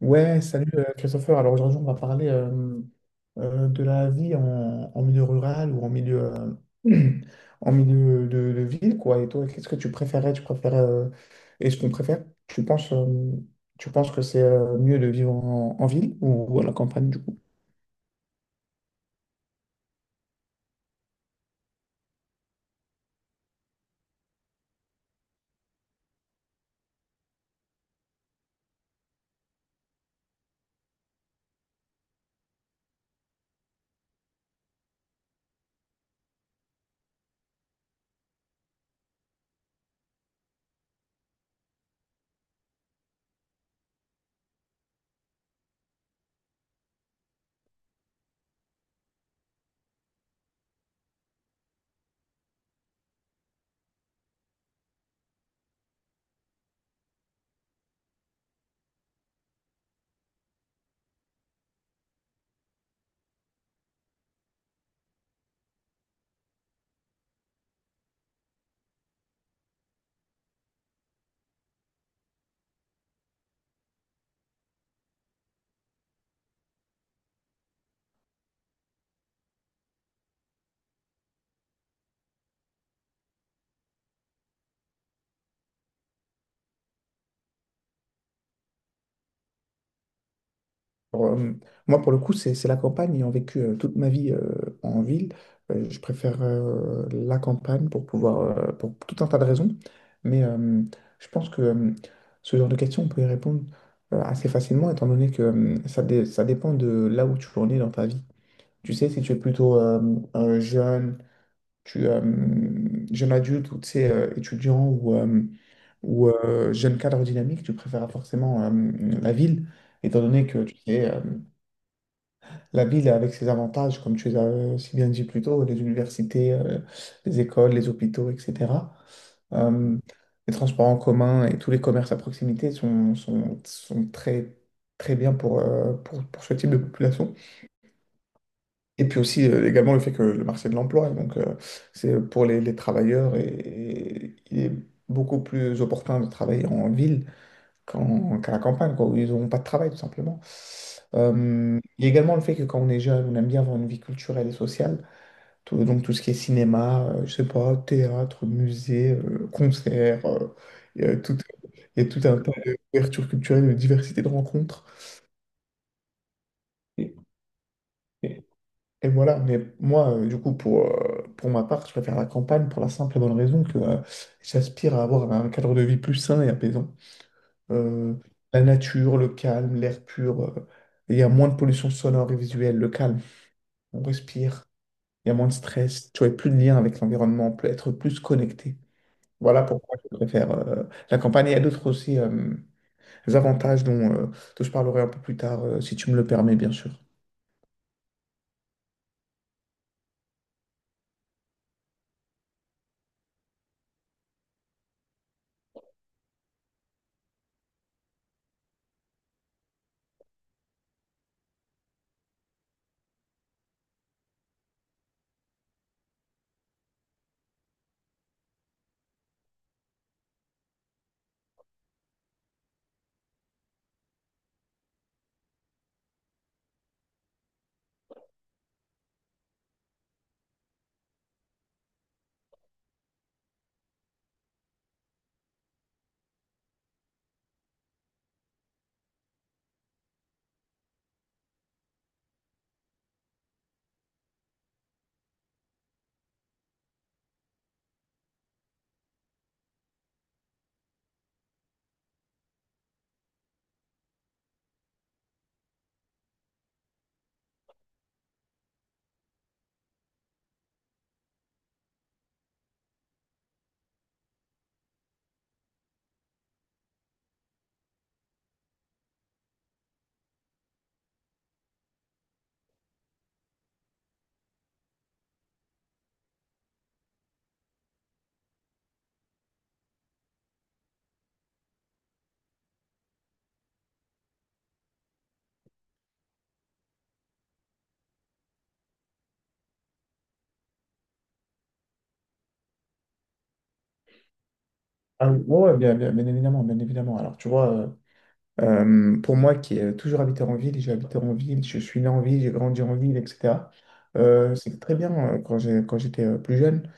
Ouais, salut Christopher. Alors aujourd'hui, on va parler de la vie en milieu rural ou en milieu, euh, en milieu de ville, quoi. Et toi, qu'est-ce que tu préférais? Tu préférais, est-ce qu'on préfère? Tu penses que c'est mieux de vivre en ville ou à la campagne, du coup? Pour, euh, Moi, pour le coup, c'est la campagne. Ayant vécu toute ma vie en ville, je préfère la campagne pour pouvoir, pour tout un tas de raisons. Mais je pense que ce genre de questions, on peut y répondre assez facilement, étant donné que ça dépend de là où tu en es dans ta vie. Tu sais, si tu es plutôt un jeune, jeune adulte ou tu sais, étudiant ou jeune cadre dynamique, tu préfères forcément la ville étant donné que tu sais, la ville, avec ses avantages, comme tu les as si bien dit plus tôt, les universités, les écoles, les hôpitaux, etc. Euh, les transports en commun et tous les commerces à proximité sont très, très bien pour ce type de population. Et puis aussi, également, le fait que le marché de l'emploi, donc, c'est pour les travailleurs, et il est beaucoup plus opportun de travailler en ville qu'à la campagne, quoi, où ils n'auront pas de travail, tout simplement. Il y a également le fait que quand on est jeune, on aime bien avoir une vie culturelle et sociale. Donc tout ce qui est cinéma, je sais pas, théâtre, musée, concert, il y a tout, il y a tout un tas d'ouvertures culturelles, de diversité de rencontres. Et, et- et voilà, mais moi, du coup, pour ma part, je préfère la campagne pour la simple et bonne raison que j'aspire à avoir un cadre de vie plus sain et apaisant. Euh, la nature, le calme, l'air pur. Il y a moins de pollution sonore et visuelle, le calme. On respire. Il y a moins de stress. Tu as plus de lien avec l'environnement. On peut être plus connecté. Voilà pourquoi je préfère la campagne. Il y a d'autres aussi avantages dont je parlerai un peu plus tard, si tu me le permets, bien sûr. Ah oui, ouais, ouais, bien, bien, bien évidemment, bien évidemment. Alors, tu vois, pour moi qui ai toujours habité en ville, j'ai habité en ville, je suis né en ville, j'ai grandi en ville, etc. C'était très bien quand j'étais plus jeune.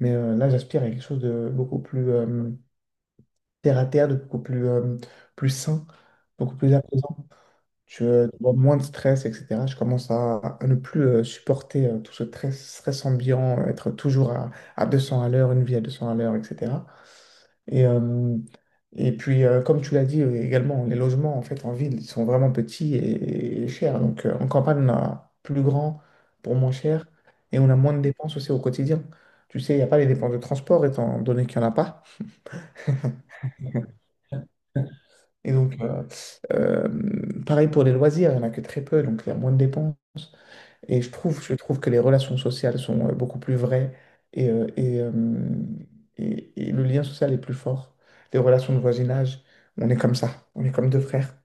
Mais là, j'aspire à quelque chose de beaucoup plus terre à terre, de beaucoup plus, plus sain, beaucoup plus apaisant. Je vois moins de stress, etc. Je commence à ne plus supporter tout ce stress ambiant, être toujours à 200 à l'heure, une vie à 200 à l'heure, etc. Et, euh, et puis, comme tu l'as dit également, les logements en fait en ville ils sont vraiment petits et chers. Donc, en campagne, on a plus grand pour moins cher et on a moins de dépenses aussi au quotidien. Tu sais, il n'y a pas les dépenses de transport étant donné qu'il n'y en a pas. Et donc, pareil pour les loisirs, il n'y en a que très peu, donc il y a moins de dépenses. Je trouve que les relations sociales sont beaucoup plus vraies et, euh, et, euh, et le lien social est plus fort. Les relations de voisinage, on est comme ça, on est comme deux frères,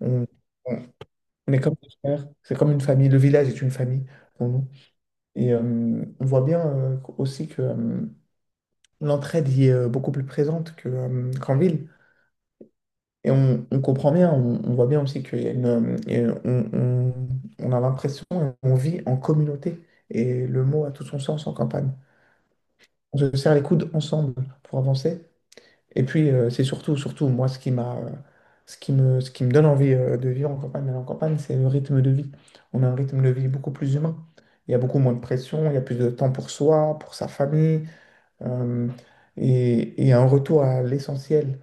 on, on- on est comme deux frères, c'est comme une famille, le village est une famille pour nous. Et on voit bien aussi que l'entraide y est beaucoup plus présente qu'en ville. On comprend bien, on voit bien aussi qu'il y a une, et on a l'impression, on vit en communauté. Et le mot a tout son sens en campagne. On se serre les coudes ensemble pour avancer. Et puis, c'est surtout, surtout, moi, ce qui me donne envie de vivre en campagne, d'aller en campagne, c'est le rythme de vie. On a un rythme de vie beaucoup plus humain. Il y a beaucoup moins de pression, il y a plus de temps pour soi, pour sa famille, euh, et un retour à l'essentiel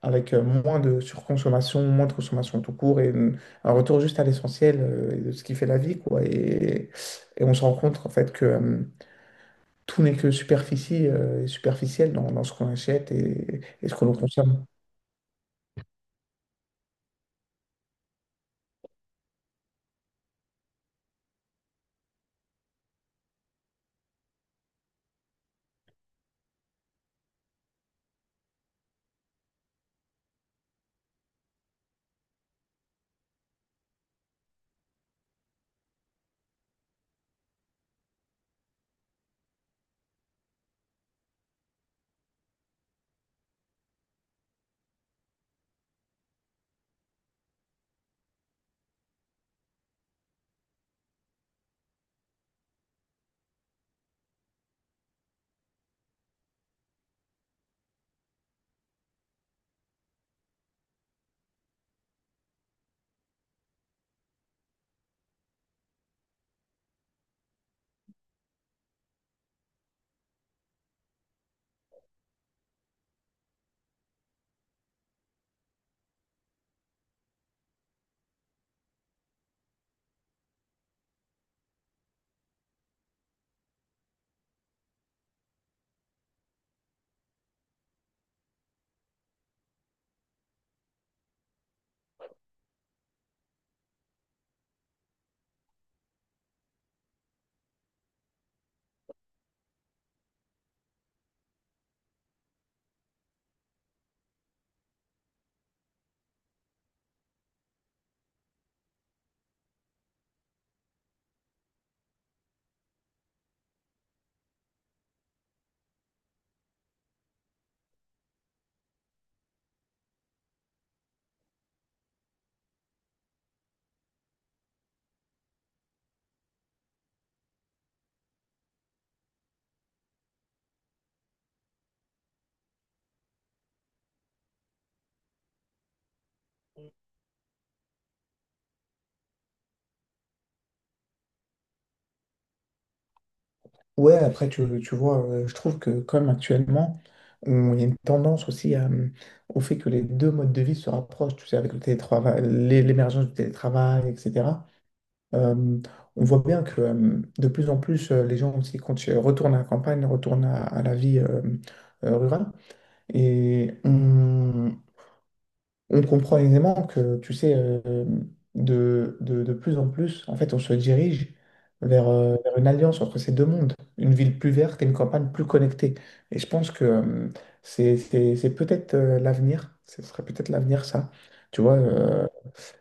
avec moins de surconsommation, moins de consommation tout court, un retour juste à l'essentiel et de ce qui fait la vie, quoi. Et on se rend compte, en fait, que tout n'est que superficie et superficiel dans ce qu'on achète et ce que l'on consomme. Ouais, après, tu vois, je trouve que comme actuellement, il y a une tendance aussi au fait que les deux modes de vie se rapprochent, tu sais, avec le télétravail, l'émergence du télétravail, etc. Euh, on voit bien que de plus en plus, les gens aussi retournent à la campagne, retournent à la vie rurale. Et on, on comprend aisément que, tu sais, de plus en plus, en fait, on se dirige vers une alliance entre ces deux mondes, une ville plus verte et une campagne plus connectée. Et je pense que c'est peut-être l'avenir, ce serait peut-être l'avenir, ça. Tu vois,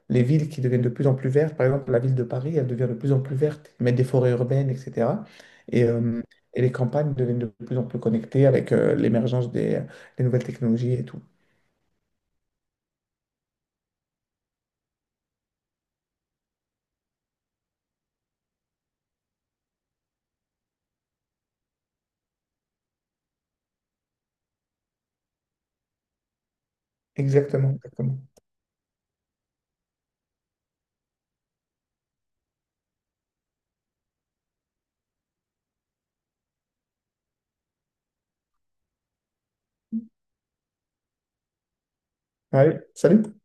les villes qui deviennent de plus en plus vertes, par exemple la ville de Paris, elle devient de plus en plus verte, ils mettent des forêts urbaines, etc. Et, euh, et les campagnes deviennent de plus en plus connectées avec l'émergence des nouvelles technologies et tout. Exactement, exactement. Ouais, salut.